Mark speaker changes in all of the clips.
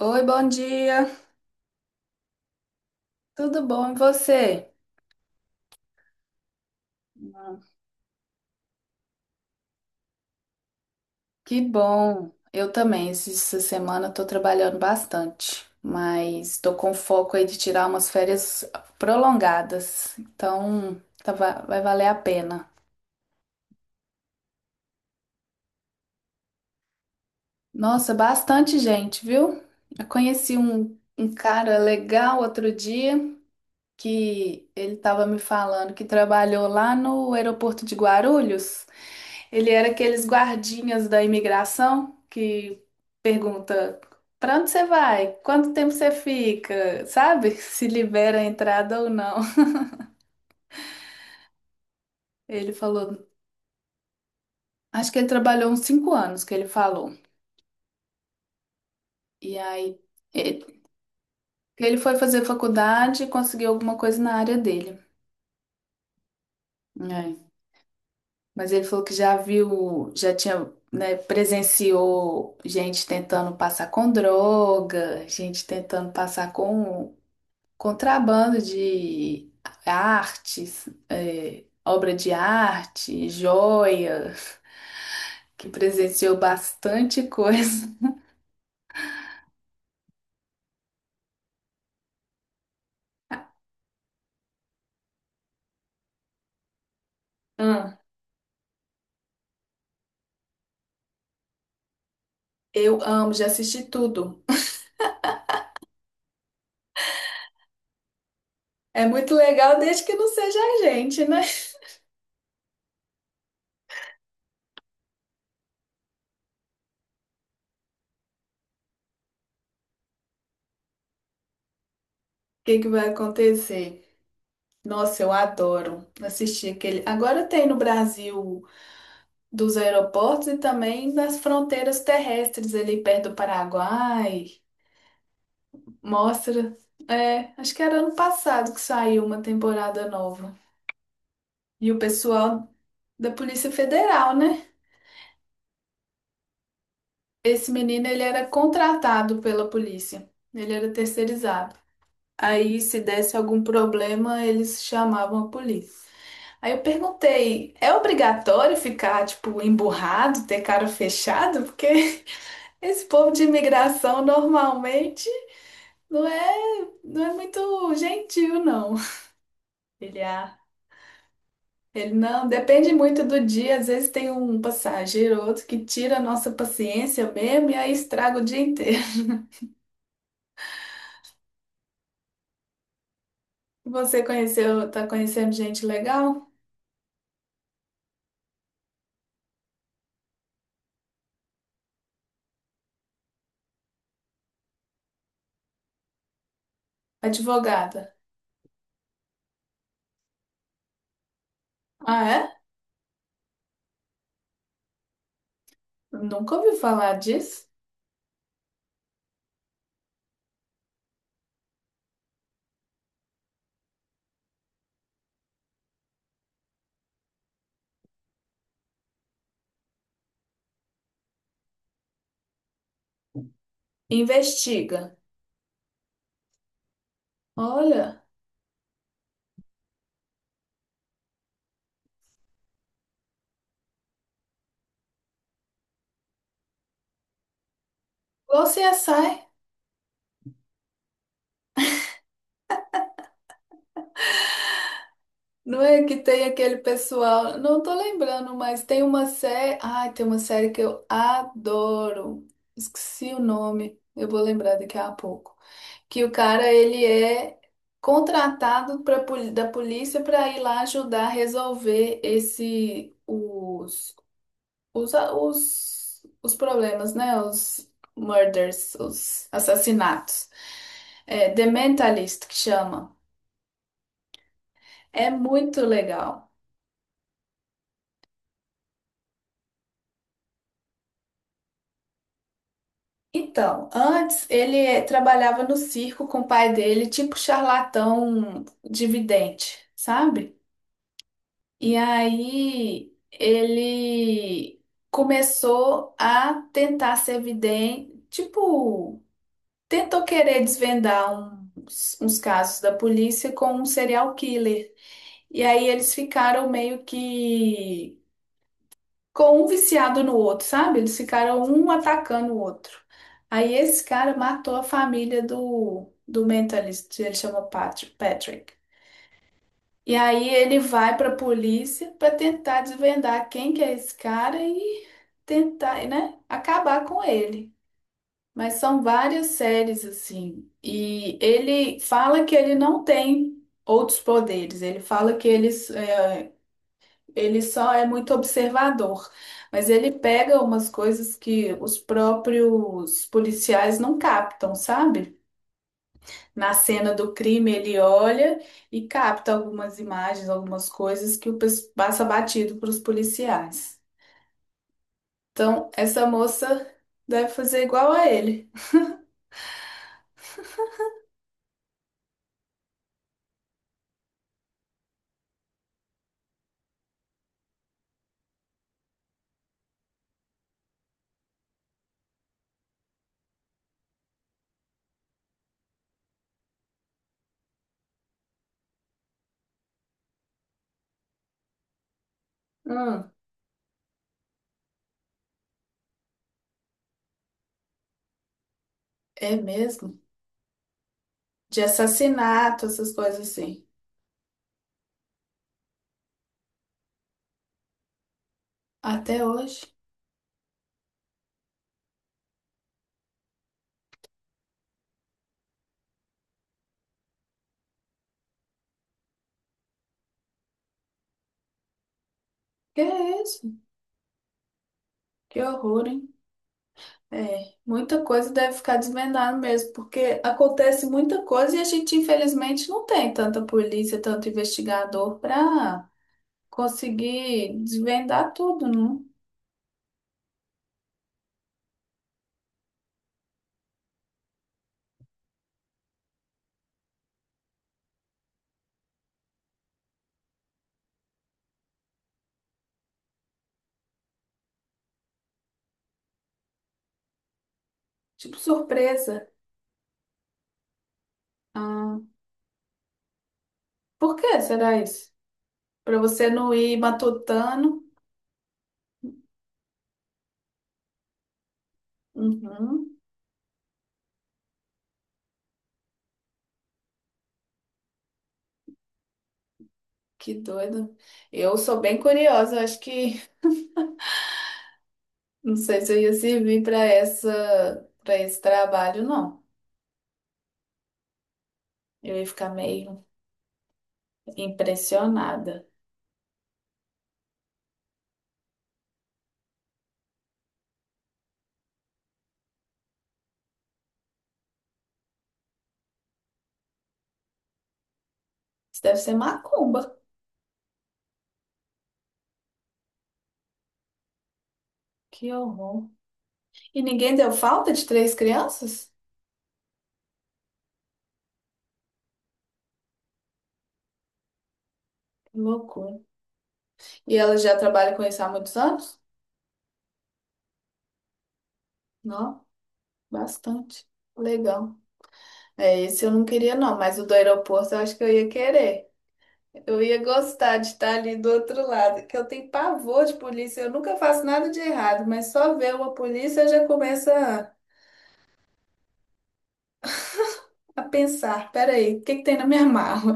Speaker 1: Oi, bom dia. Tudo bom e você? Ah, que bom. Eu também. Essa semana eu tô trabalhando bastante, mas tô com foco aí de tirar umas férias prolongadas. Então, vai valer a pena. Nossa, bastante gente, viu? Eu conheci um cara legal outro dia. Que ele estava me falando que trabalhou lá no aeroporto de Guarulhos. Ele era aqueles guardinhas da imigração que pergunta para onde você vai? Quanto tempo você fica? Sabe? Se libera a entrada ou não. Ele falou, acho que ele trabalhou uns 5 anos que ele falou. E aí ele ele foi fazer faculdade e conseguiu alguma coisa na área dele. Mas ele falou que já viu, já tinha, né, presenciou gente tentando passar com droga, gente tentando passar com contrabando de artes, é, obra de arte, joia, que presenciou bastante coisa. Hum, eu amo, já assisti tudo. É muito legal, desde que não seja a gente, né? O que que vai acontecer? Nossa, eu adoro assistir aquele. Agora tem no Brasil. Dos aeroportos e também das fronteiras terrestres ali perto do Paraguai. Mostra. É, acho que era ano passado que saiu uma temporada nova. E o pessoal da Polícia Federal, né? Esse menino, ele era contratado pela polícia. Ele era terceirizado. Aí, se desse algum problema, eles chamavam a polícia. Aí eu perguntei, é obrigatório ficar, tipo, emburrado, ter cara fechada? Porque esse povo de imigração normalmente não é muito gentil, não. Ele, ah, ele não, depende muito do dia. Às vezes tem um passageiro ou outro que tira a nossa paciência mesmo e aí estraga o dia inteiro. Você conheceu, tá conhecendo gente legal? Advogada. Ah, é? Nunca ouvi falar disso. Investiga. Olha, igual CSI. Não é que tem aquele pessoal, não tô lembrando, mas tem uma série, ai, tem uma série que eu adoro. Esqueci o nome, eu vou lembrar daqui a pouco. Que o cara, ele é contratado pra, da polícia para ir lá ajudar a resolver esse os problemas, né? Os murders, os assassinatos. É, The Mentalist que chama. É muito legal. Então, antes ele trabalhava no circo com o pai dele, tipo charlatão de vidente, sabe? E aí ele começou a tentar ser vidente, tipo, tentou querer desvendar uns casos da polícia com um serial killer. E aí eles ficaram meio que com um viciado no outro, sabe? Eles ficaram um atacando o outro. Aí esse cara matou a família do mentalista, ele chama Patrick. E aí ele vai pra polícia pra tentar desvendar quem que é esse cara e tentar, né, acabar com ele. Mas são várias séries assim. E ele fala que ele não tem outros poderes. Ele fala que ele só é muito observador, mas ele pega umas coisas que os próprios policiais não captam, sabe? Na cena do crime, ele olha e capta algumas imagens, algumas coisas que o passa batido para os policiais. Então, essa moça deve fazer igual a ele. Hum, é mesmo? De assassinato, essas coisas assim. Até hoje. Que é isso? Que horror, hein? É, muita coisa deve ficar desvendada mesmo, porque acontece muita coisa e a gente, infelizmente, não tem tanta polícia, tanto investigador para conseguir desvendar tudo, não? Tipo surpresa. Ah, por que será isso? Para você não ir matutando? Uhum, que doido. Eu sou bem curiosa, acho que não sei se eu ia servir para essa, para esse trabalho, não. Eu ia ficar meio impressionada. Isso deve ser macumba. Que horror. E ninguém deu falta de três crianças? Que loucura. E ela já trabalha com isso há muitos anos? Não, bastante. Legal. É, esse eu não queria, não, mas o do aeroporto eu acho que eu ia querer. Eu ia gostar de estar ali do outro lado, que eu tenho pavor de polícia, eu nunca faço nada de errado, mas só ver uma polícia eu já começo a pensar: peraí, o que que tem na minha mala?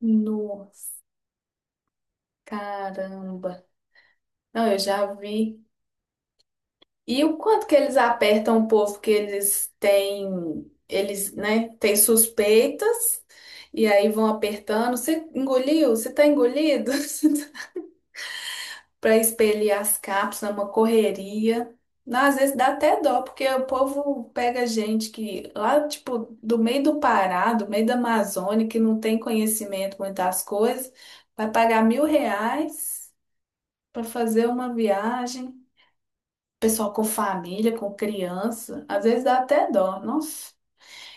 Speaker 1: Nossa, caramba. Não, eu já vi. E o quanto que eles apertam o povo que eles têm, eles, né, têm suspeitas e aí vão apertando. Você engoliu? Você tá engolido? Para expelir as cápsulas, é uma correria. Não, às vezes dá até dó, porque o povo pega gente que lá, tipo, do meio do Pará, do meio da Amazônia, que não tem conhecimento muito das coisas, vai pagar R$ 1.000 para fazer uma viagem pessoal com família, com criança, às vezes dá até dó, nossa.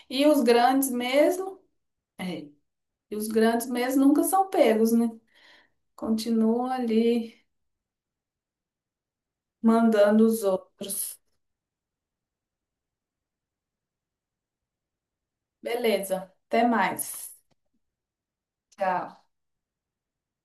Speaker 1: E os grandes mesmo, e os grandes mesmo nunca são pegos, né? Continuam ali mandando os outros. Beleza, até mais. Tchau.